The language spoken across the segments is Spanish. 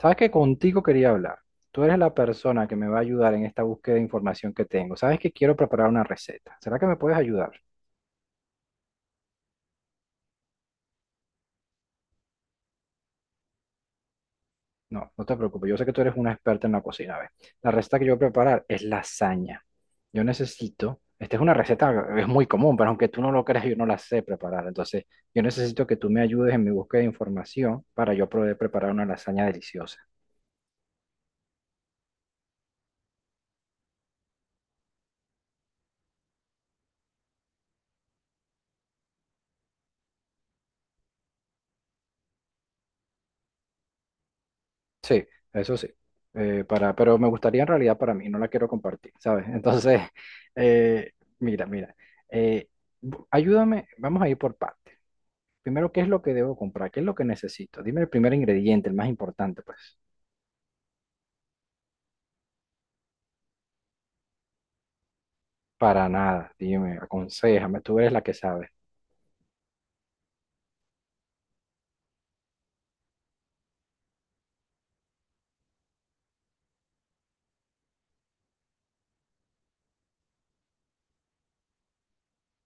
Sabes que contigo quería hablar. Tú eres la persona que me va a ayudar en esta búsqueda de información que tengo. Sabes que quiero preparar una receta. ¿Será que me puedes ayudar? No, no te preocupes. Yo sé que tú eres una experta en la cocina. A ver, la receta que yo voy a preparar es lasaña. Yo necesito, esta es una receta, es muy común, pero aunque tú no lo creas, yo no la sé preparar. Entonces, yo necesito que tú me ayudes en mi búsqueda de información para yo poder preparar una lasaña deliciosa. Sí, eso sí. Pero me gustaría en realidad para mí, no la quiero compartir, ¿sabes? Entonces, eh, mira, mira, eh, ayúdame, vamos a ir por partes. Primero, ¿qué es lo que debo comprar? ¿Qué es lo que necesito? Dime el primer ingrediente, el más importante, pues. Para nada, dime, aconséjame, tú eres la que sabe.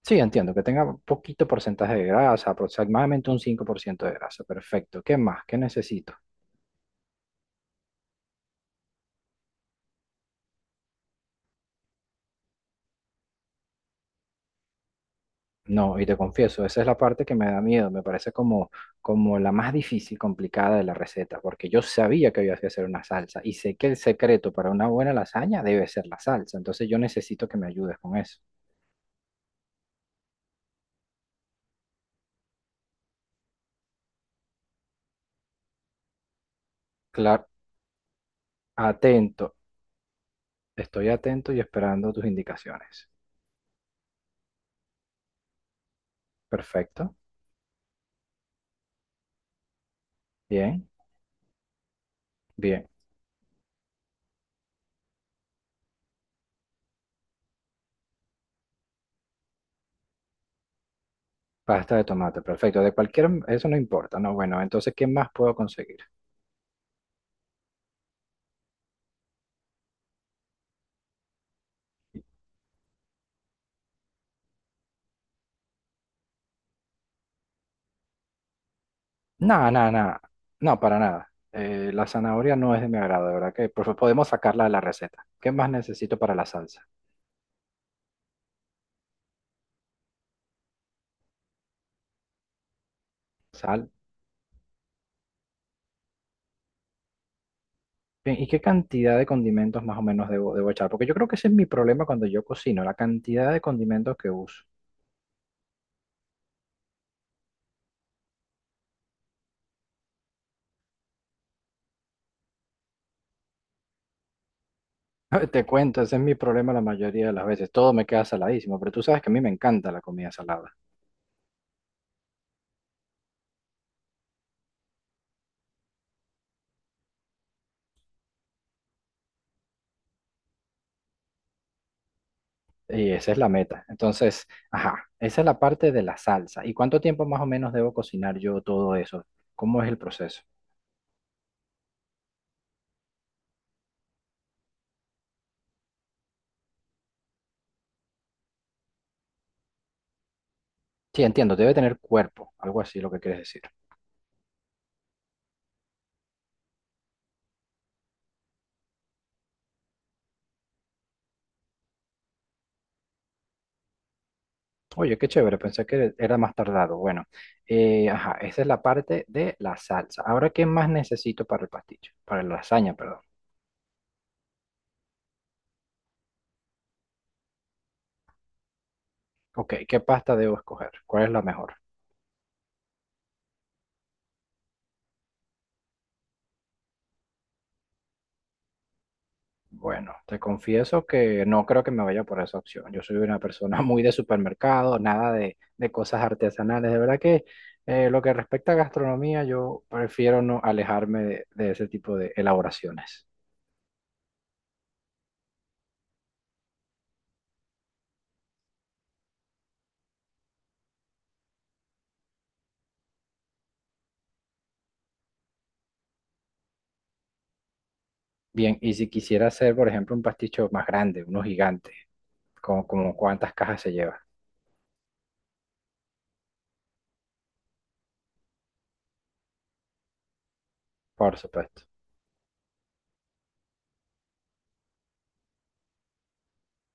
Sí, entiendo, que tenga poquito porcentaje de grasa, aproximadamente un 5% de grasa, perfecto. ¿Qué más? ¿Qué necesito? No, y te confieso, esa es la parte que me da miedo, me parece como, la más difícil, complicada de la receta, porque yo sabía que había que hacer una salsa y sé que el secreto para una buena lasaña debe ser la salsa, entonces yo necesito que me ayudes con eso. Claro, atento, estoy atento y esperando tus indicaciones. Perfecto, bien, bien. Pasta de tomate, perfecto, de cualquier, eso no importa, no, bueno, entonces, ¿qué más puedo conseguir? No, no, no, no, para nada. La zanahoria no es de mi agrado, de verdad que por favor, podemos sacarla de la receta. ¿Qué más necesito para la salsa? Sal. Bien, ¿y qué cantidad de condimentos más o menos debo echar? Porque yo creo que ese es mi problema cuando yo cocino, la cantidad de condimentos que uso. Te cuento, ese es mi problema la mayoría de las veces. Todo me queda saladísimo, pero tú sabes que a mí me encanta la comida salada. Y esa es la meta. Entonces, ajá, esa es la parte de la salsa. ¿Y cuánto tiempo más o menos debo cocinar yo todo eso? ¿Cómo es el proceso? Sí, entiendo, debe tener cuerpo, algo así lo que quieres decir. Oye, qué chévere, pensé que era más tardado. Bueno, ajá, esa es la parte de la salsa. Ahora, ¿qué más necesito para el pastillo? Para la lasaña, perdón. Ok, ¿qué pasta debo escoger? ¿Cuál es la mejor? Bueno, te confieso que no creo que me vaya por esa opción. Yo soy una persona muy de supermercado, nada de cosas artesanales. De verdad que lo que respecta a gastronomía, yo prefiero no alejarme de ese tipo de elaboraciones. Bien, y si quisiera hacer, por ejemplo, un pasticho más grande, uno gigante, como, como cuántas cajas se lleva, por supuesto.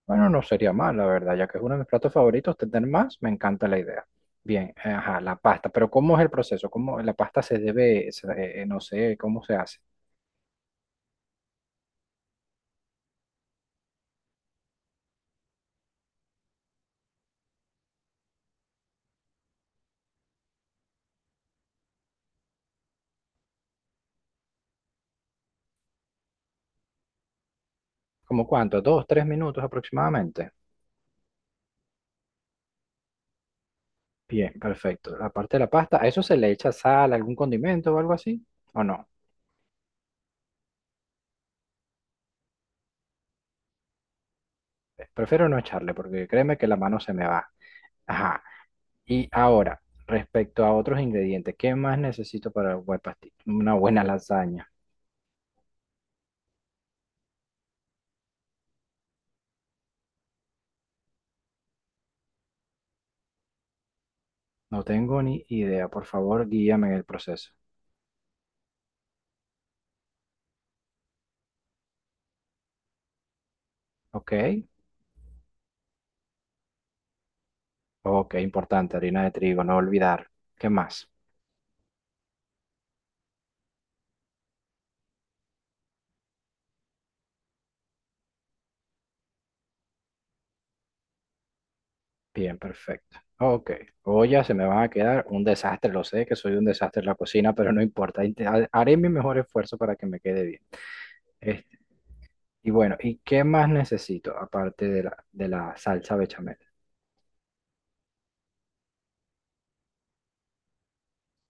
Bueno, no sería mal, la verdad, ya que es uno de mis platos favoritos, tener más, me encanta la idea. Bien, ajá, la pasta, pero ¿cómo es el proceso? ¿Cómo la pasta se debe, no sé, cómo se hace? ¿Cómo cuánto? ¿2, 3 minutos aproximadamente? Bien, perfecto. La parte de la pasta, ¿a eso se le echa sal, algún condimento o algo así? ¿O no? Prefiero no echarle porque créeme que la mano se me va. Ajá. Y ahora, respecto a otros ingredientes, ¿qué más necesito para una buena lasaña? No tengo ni idea. Por favor, guíame en el proceso. Ok, ok, importante, harina de trigo, no olvidar. ¿Qué más? Bien, perfecto. Ok, ollas se me van a quedar un desastre, lo sé que soy un desastre en la cocina, pero no importa, haré mi mejor esfuerzo para que me quede bien. Este, y bueno, ¿y qué más necesito aparte de la salsa bechamel?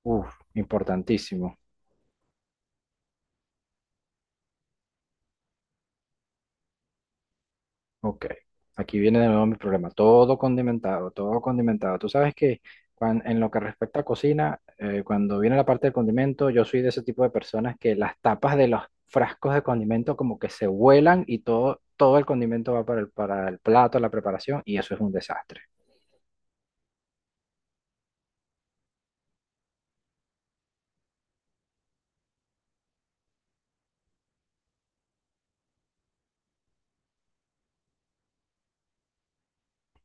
Uf, importantísimo. Ok, aquí viene de nuevo mi problema. Todo condimentado, todo condimentado. Tú sabes que en lo que respecta a cocina, cuando viene la parte del condimento, yo soy de ese tipo de personas que las tapas de los frascos de condimento como que se vuelan y todo, el condimento va para el plato, la preparación, y eso es un desastre.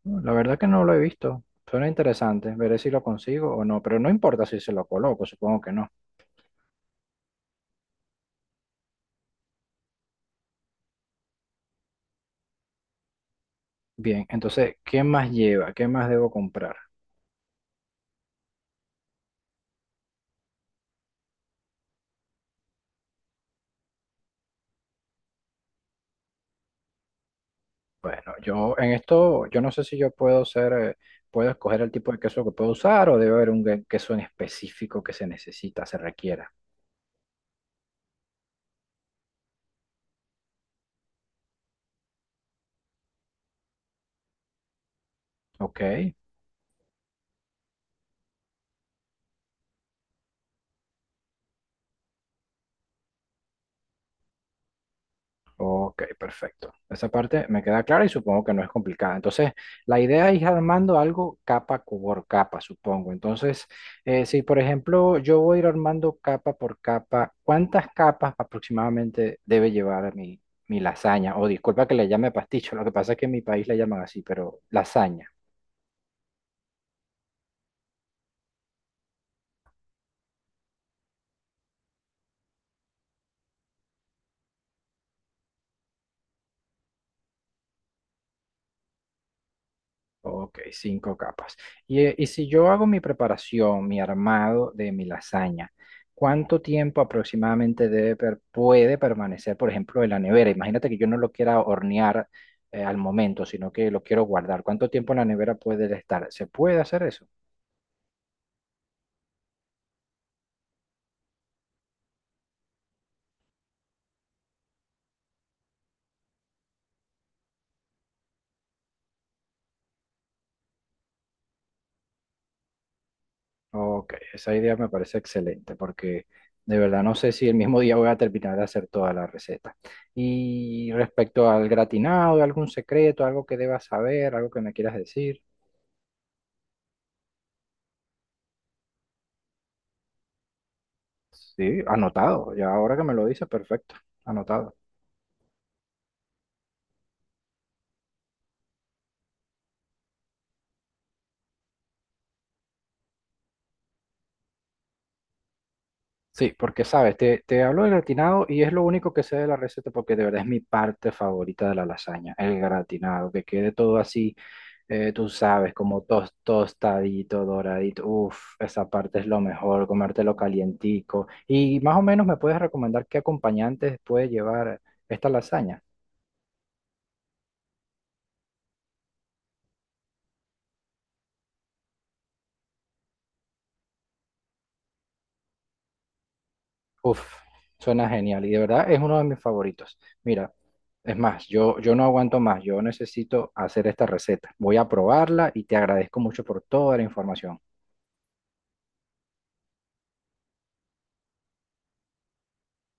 No, la verdad que no lo he visto. Suena interesante, veré si lo consigo o no, pero no importa si se lo coloco, supongo que no. Bien, entonces, ¿qué más lleva? ¿Qué más debo comprar? Bueno, yo en esto, yo no sé si yo puedo ser, puedo escoger el tipo de queso que puedo usar o debe haber un queso en específico que se necesita, se requiera. Ok, ok, perfecto. Esa parte me queda clara y supongo que no es complicada. Entonces, la idea es ir armando algo capa por capa, supongo. Entonces, si por ejemplo yo voy a ir armando capa por capa, ¿cuántas capas aproximadamente debe llevar mi lasaña? O disculpa que le llame pasticho, lo que pasa es que en mi país le llaman así, pero lasaña. Ok, cinco capas. Y si yo hago mi preparación, mi armado de mi lasaña, ¿cuánto tiempo aproximadamente debe puede permanecer, por ejemplo, en la nevera? Imagínate que yo no lo quiera hornear al momento, sino que lo quiero guardar. ¿Cuánto tiempo en la nevera puede estar? ¿Se puede hacer eso? Ok, esa idea me parece excelente porque de verdad no sé si el mismo día voy a terminar de hacer toda la receta. Y respecto al gratinado, ¿algún secreto, algo que debas saber, algo que me quieras decir? Sí, anotado. Ya ahora que me lo dices, perfecto. Anotado. Sí, porque sabes, te, hablo del gratinado y es lo único que sé de la receta porque de verdad es mi parte favorita de la lasaña, el gratinado, que quede todo así, tú sabes, como tostadito, doradito. Uf, esa parte es lo mejor, comértelo calientico. Y más o menos me puedes recomendar qué acompañantes puede llevar esta lasaña. Uf, suena genial y de verdad es uno de mis favoritos. Mira, es más, yo, no aguanto más, yo necesito hacer esta receta. Voy a probarla y te agradezco mucho por toda la información.